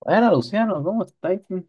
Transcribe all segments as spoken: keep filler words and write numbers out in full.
Bueno, Luciano, ¿cómo estáis? O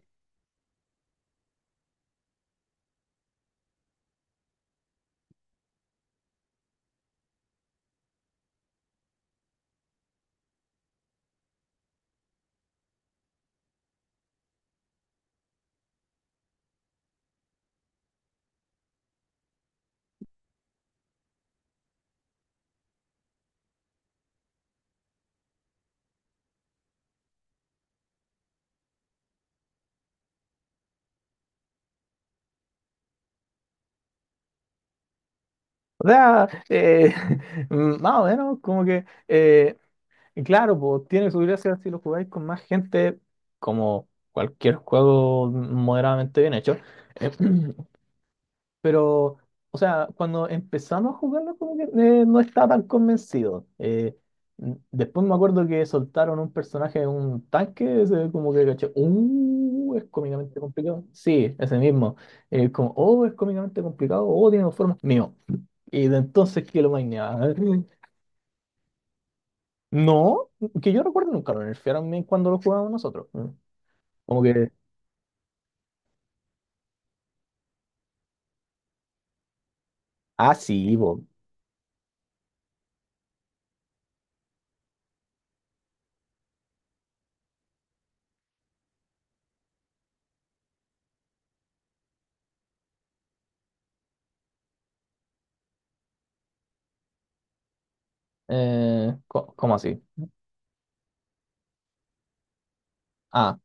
sea, eh, mm, más o menos, como que, eh, y claro, pues tiene su gracia si lo jugáis con más gente, como cualquier juego moderadamente bien hecho. Pero, o sea, Cuando empezamos a jugarlo, como que eh, no estaba tan convencido. Eh, n- después me acuerdo que soltaron un personaje, en un tanque, ese como que caché, uh, es cómicamente complicado. Sí, ese mismo. Eh, como, oh, es cómicamente complicado, oh, tiene dos formas. Mío. Y de entonces que lo maineaba. No, que yo recuerdo nunca lo nerfearon ni cuando lo jugábamos nosotros. Mm. Como que, ah, sí, po. Eh, co- ¿cómo así? Ah,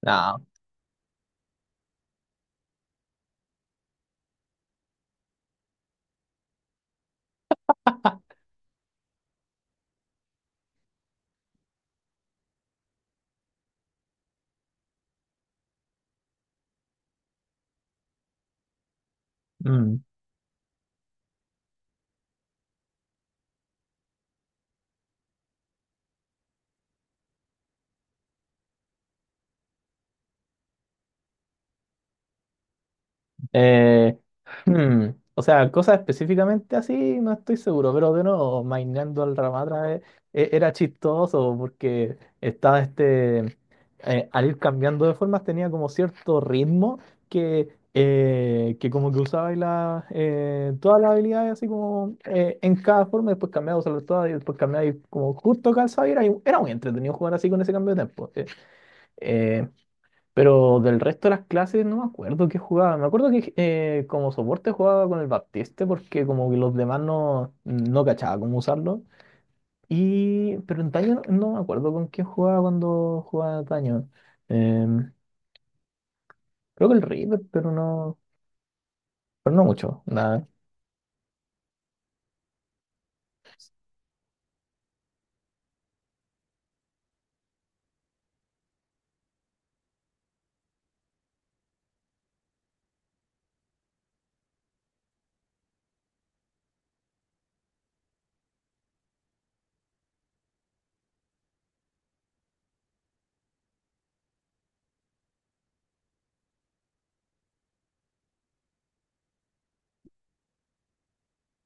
nada. Eh, hmm, o sea, cosas específicamente así, no estoy seguro, pero de nuevo, maineando al Ramatra, eh, e- era chistoso porque estaba este, eh, al ir cambiando de formas tenía como cierto ritmo que, eh, que como que usaba, y la, eh, todas las habilidades así como, eh, en cada forma, después cambiaba, usarlas todas y después cambiaba, y como justo calzaba y era, era muy entretenido jugar así con ese cambio de tiempo. Pero del resto de las clases no me acuerdo qué jugaba. Me acuerdo que, eh, como soporte jugaba con el Baptiste porque como que los demás no, no cachaba cómo usarlo. Y, pero en Taño no, no me acuerdo con quién jugaba cuando jugaba Taño. Em, creo que el River, pero no, pero no mucho. Nada.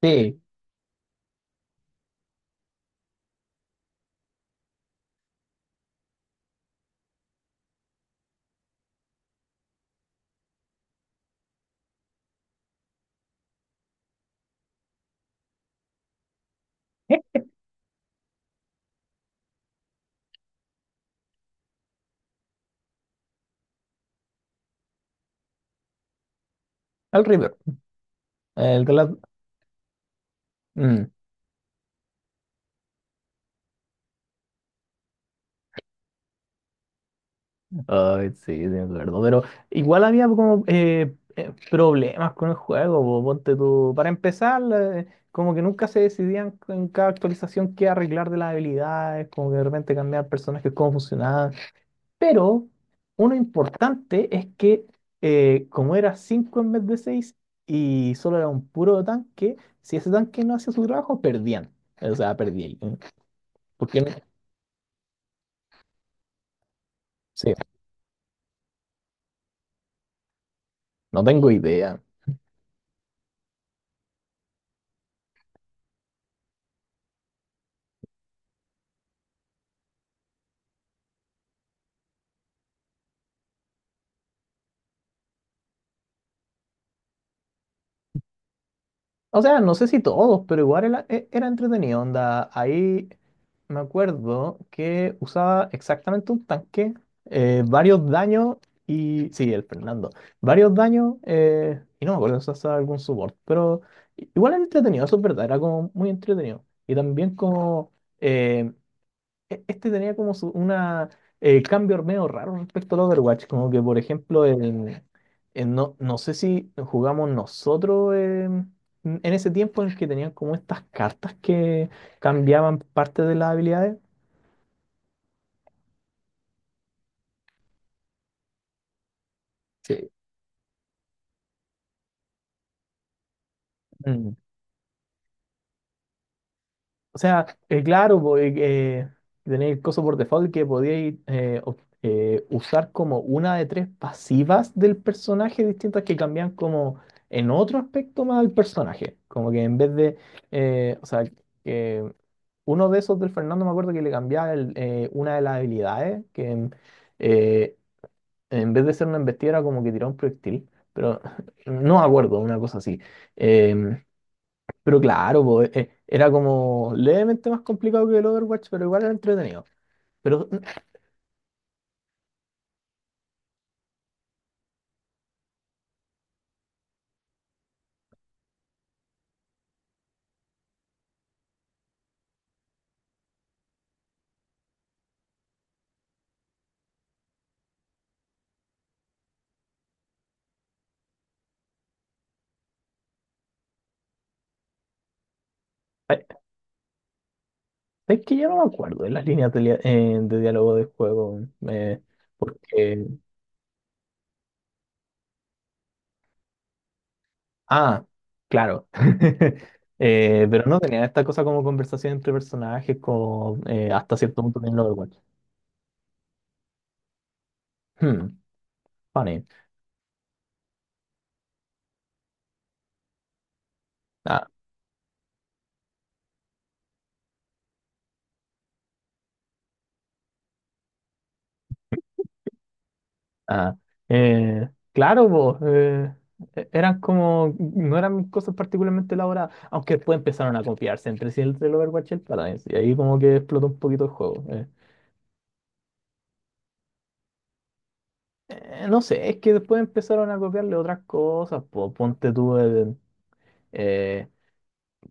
Sí, ¿eh? El River. El de la- Mm. Ay, sí, sí, me acuerdo. Pero igual había como, eh, eh, problemas con el juego, po, ponte tú. Para empezar, eh, como que nunca se decidían en cada actualización qué arreglar de las habilidades, como que de repente cambiar personajes, cómo funcionaban. Pero uno importante es que, eh, como era cinco en vez de seis y solo era un puro tanque, si ese tanque no hacía su trabajo, perdían. O sea, perdían. Porque no, sí, no tengo idea. O sea, no sé si todos, pero igual era, e- era entretenido, onda. Ahí me acuerdo que usaba exactamente un tanque, eh, varios daños y... sí, el Fernando. Varios daños, eh, y no me acuerdo si usaba algún support, pero, i- igual era entretenido, eso es verdad, era como muy entretenido. Y también como... eh, e- este tenía como su- una, eh, cambio medio raro respecto al Overwatch. Como que, por ejemplo, en- en no, no sé si jugamos nosotros, em, en ese tiempo en el que tenían como estas cartas que cambiaban parte de las habilidades. Sí. Mm. O sea, eh, claro, po, eh, eh, tenéis el coso por default que podíais, eh, op- eh, usar como una de tres pasivas del personaje distintas que cambian como en otro aspecto más al personaje. Como que en vez de, eh, o sea, que uno de esos del Fernando me acuerdo que le cambiaba el, eh, una de las habilidades, que, eh, en vez de ser una embestida era como que tiraba un proyectil, pero no me acuerdo, una cosa así. Eh, pero claro, po, eh, eh, era como levemente más complicado que el Overwatch, pero igual era entretenido. Pero, mm, ay, es que yo no me acuerdo de las líneas de, lia- eh, de diálogo del juego. eh, porque. Ah, claro. Eh, pero no tenían esta cosa como conversación entre personajes, como, eh, hasta cierto punto en el Overwatch. Hmm, funny. Ah. Ah, eh, claro, po, eh, e- eran como, no eran cosas particularmente elaboradas, aunque después empezaron a copiarse entre sí entre el Overwatch y el Paradise, y ahí como que explotó un poquito el juego. eh. Eh, no sé, es que después empezaron a copiarle otras cosas, po, ponte tú el, eh,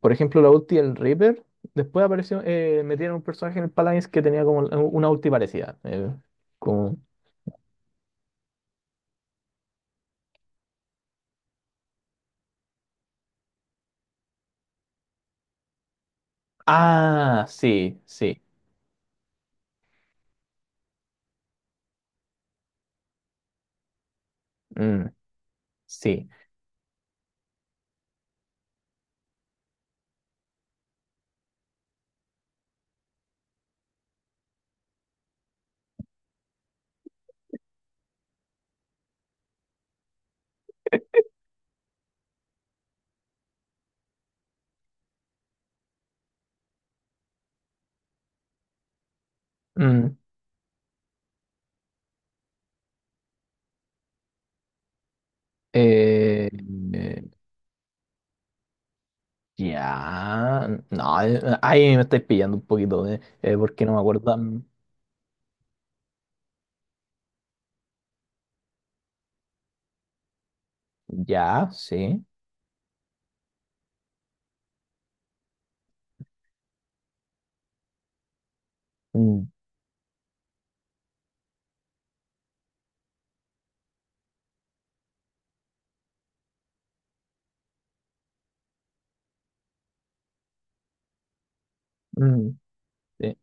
por ejemplo, la ulti del Reaper, después apareció, eh, metieron un personaje en el Paladins que tenía como una ulti parecida, eh, como... ah, sí, sí, mm, sí. Mm, eh, mm. Ya, no, eh, eh, ahí me estáis pillando un poquito, eh, eh, porque no me acuerdo. Mm. Ya, sí. Mm, mm, sí.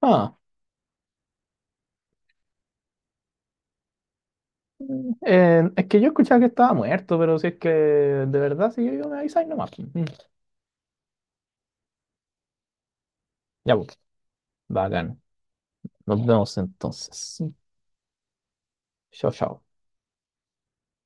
Ah, mm, eh, es que yo escuchaba que estaba muerto, pero si es que de verdad, si yo digo, me avisáis nomás. Mm. Ya, pues, bacán. Nos vemos entonces. Chao, chao.